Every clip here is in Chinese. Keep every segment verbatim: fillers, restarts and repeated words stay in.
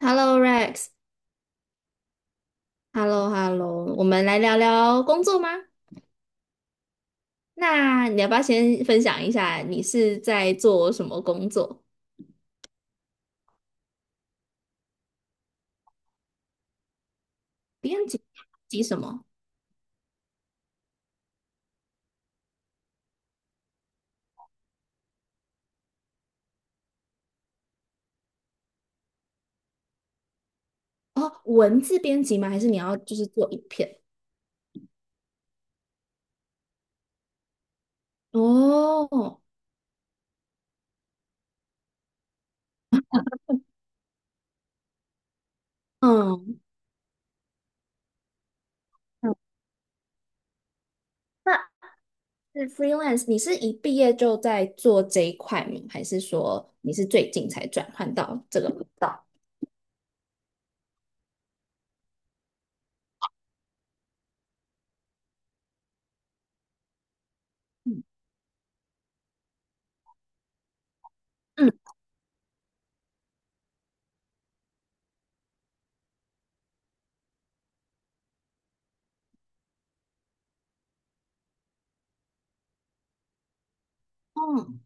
Hello Rex，Hello Hello，我们来聊聊工作吗？那你要不要先分享一下你是在做什么工作？编辑辑什么？哦，文字编辑吗？还是你要就是做影片？哦，嗯，嗯那是 freelance，你是一毕业就在做这一块吗？还是说你是最近才转换到这个频道？嗯嗯嗯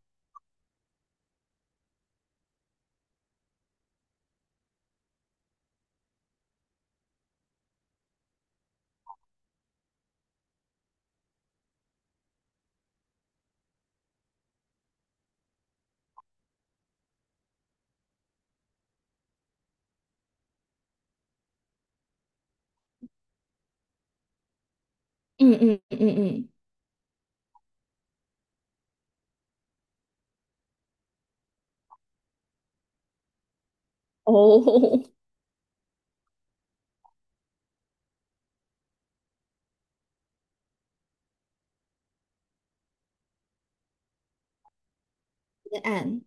嗯嗯嗯嗯，嗯哦，接案。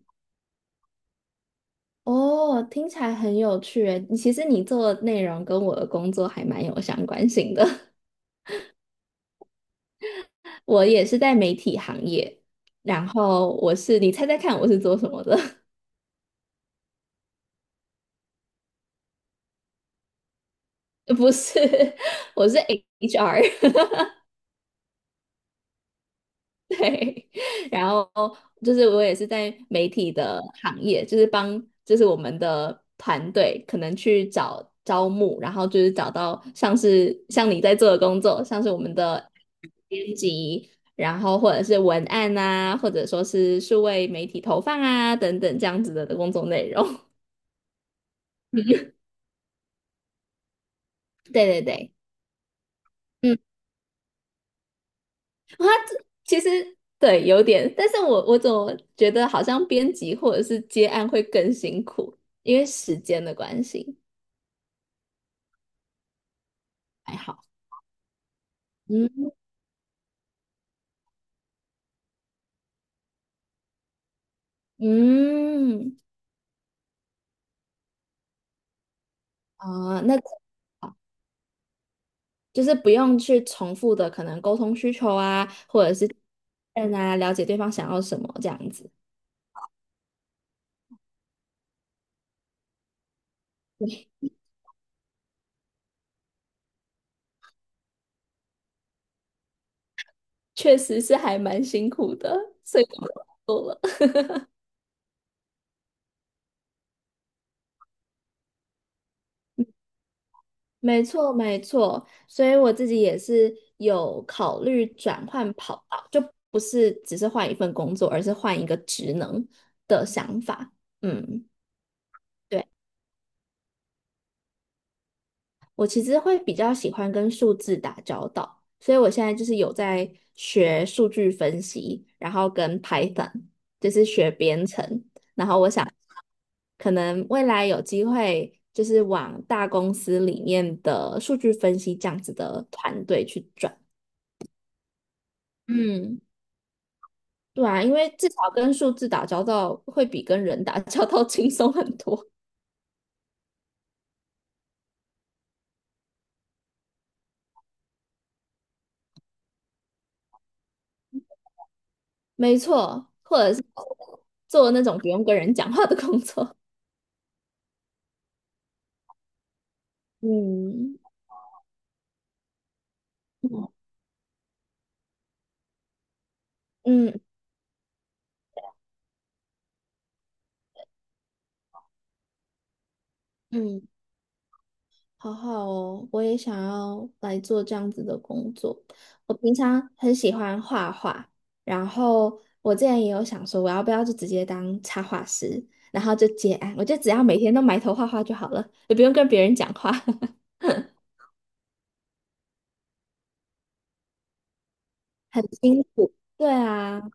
哦，听起来很有趣诶。其实你做的内容跟我的工作还蛮有相关性的。我也是在媒体行业，然后我是，你猜猜看我是做什么的？不是，我是 H R。对，然后就是我也是在媒体的行业，就是帮就是我们的团队可能去找招募，然后就是找到像是像你在做的工作，像是我们的编辑，然后或者是文案啊，或者说是数位媒体投放啊等等这样子的工作内容。对对对，嗯它其实对有点，但是我我总觉得好像编辑或者是接案会更辛苦，因为时间的关系，还好。嗯嗯啊、那好就是不用去重复的可能沟通需求啊，或者是嗯啊，了解对方想要什么这样子，确实是还蛮辛苦的，所以。没错，没错，所以我自己也是有考虑转换跑道，就不是只是换一份工作，而是换一个职能的想法。嗯，对，我其实会比较喜欢跟数字打交道，所以我现在就是有在学数据分析，然后跟 Python 就是学编程，然后我想可能未来有机会就是往大公司里面的数据分析这样子的团队去转。嗯，对啊，因为至少跟数字打交道会比跟人打交道 轻松很多。没错，或者是做那种不用跟人讲话的工作。嗯嗯嗯，好好哦，我也想要来做这样子的工作。我平常很喜欢画画，然后我之前也有想说，我要不要就直接当插画师，然后就接案，我就只要每天都埋头画画就好了，也不用跟别人讲话，很辛苦。对啊。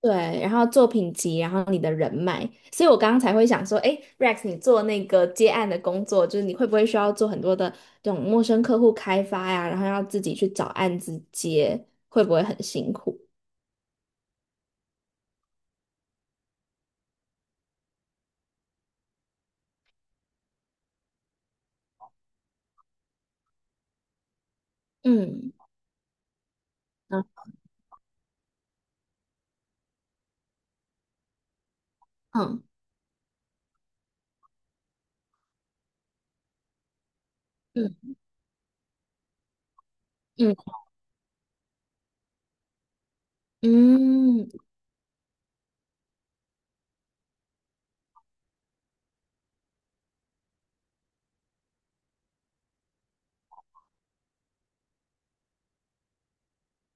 对，然后作品集，然后你的人脉，所以我刚刚才会想说，哎，Rex，你做那个接案的工作，就是你会不会需要做很多的这种陌生客户开发呀，然后要自己去找案子接，会不会很辛苦？嗯嗯嗯嗯嗯嗯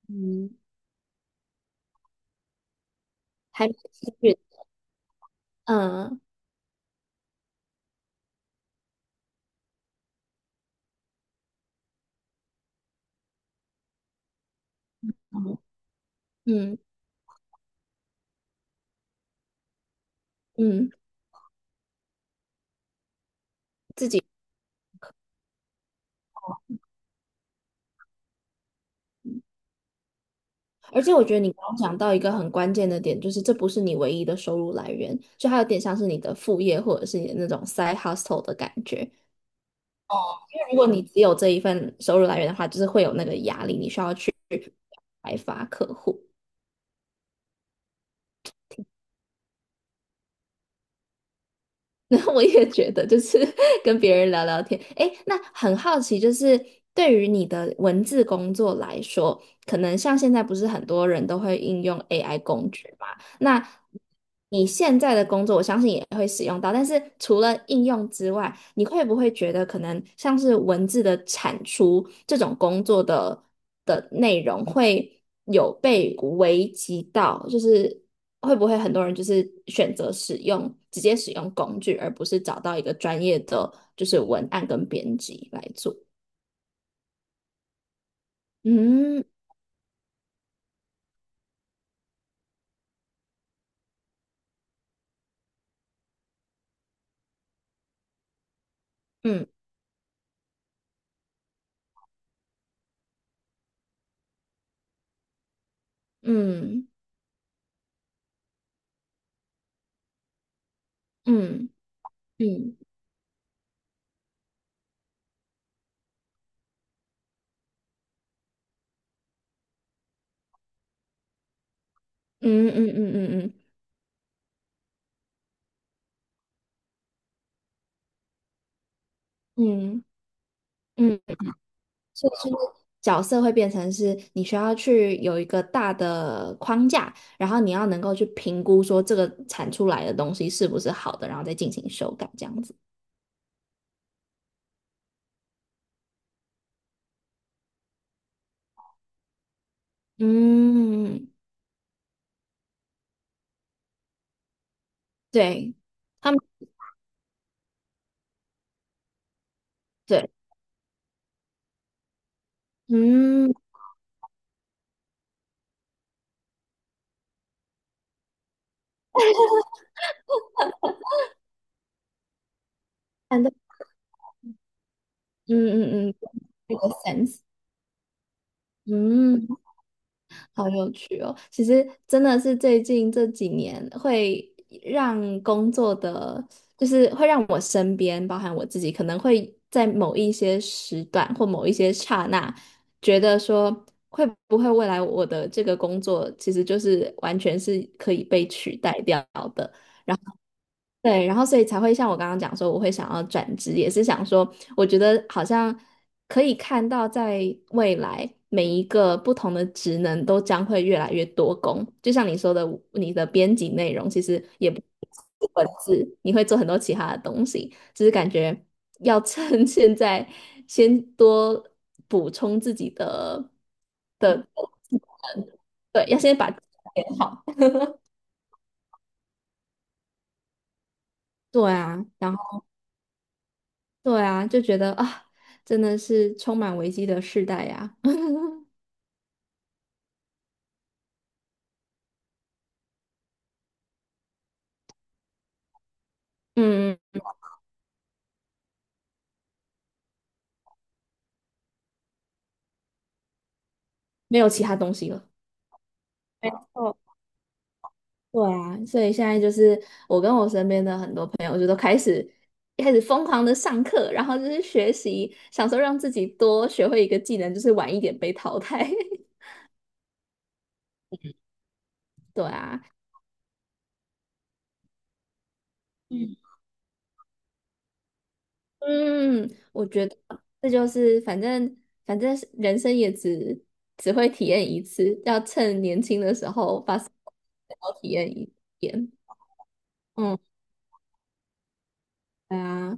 嗯，还蛮幸运，嗯嗯嗯，自己，而且我觉得你刚刚讲到一个很关键的点，就是这不是你唯一的收入来源，就它有点像是你的副业或者是你的那种 side hustle 的感觉。如果你只有这一份收入来源的话，就是会有那个压力，你需要去开发客户。那我也觉得，就是 跟别人聊聊天。诶，那很好奇，就是对于你的文字工作来说，可能像现在不是很多人都会应用 A I 工具嘛？那你现在的工作，我相信也会使用到。但是除了应用之外，你会不会觉得可能像是文字的产出这种工作的的内容会有被危及到？就是会不会很多人就是选择使用直接使用工具，而不是找到一个专业的就是文案跟编辑来做？嗯嗯嗯嗯嗯嗯嗯嗯嗯嗯嗯，所以就是角色会变成是你需要去有一个大的框架，然后你要能够去评估说这个产出来的东西是不是好的，然后再进行修改这样子。嗯，对，他们对，嗯。嗯嗯嗯，这个 sense，嗯，好有趣哦。其实真的是最近这几年会让工作的，就是会让我身边，包含我自己，可能会在某一些时段或某一些刹那，觉得说会不会未来我的这个工作其实就是完全是可以被取代掉的。然对，然后所以才会像我刚刚讲说，我会想要转职，也是想说，我觉得好像可以看到，在未来每一个不同的职能都将会越来越多工。就像你说的，你的编辑内容其实也不是文字，你会做很多其他的东西，只是感觉要趁 现在先多补充自己的的，对，要先把。练好。对啊，然后。对啊，就觉得啊，真的是充满危机的世代呀、嗯，没有其他东西了。没错，对啊，所以现在就是我跟我身边的很多朋友一开始疯狂的上课，然后就是学习，想说让自己多学会一个技能，就是晚一点被淘汰。对啊，嗯，嗯，我觉得这就是反正反正人生也只只会体验一次，要趁年轻的时候把所有都体验一遍。嗯，对啊。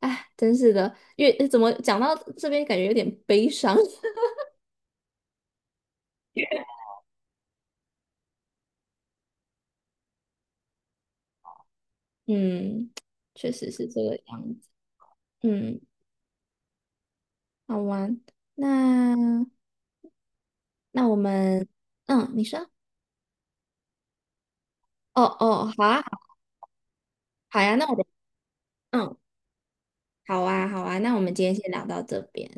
哎，真是的，越怎么讲到这边，感觉有点悲伤。嗯，确实是这个样子。嗯，好玩。那那我们，嗯，你说，哦哦，好啊，好呀，那我们，嗯，好啊，好啊，那我们今天先聊到这边。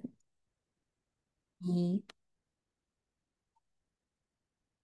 嗯。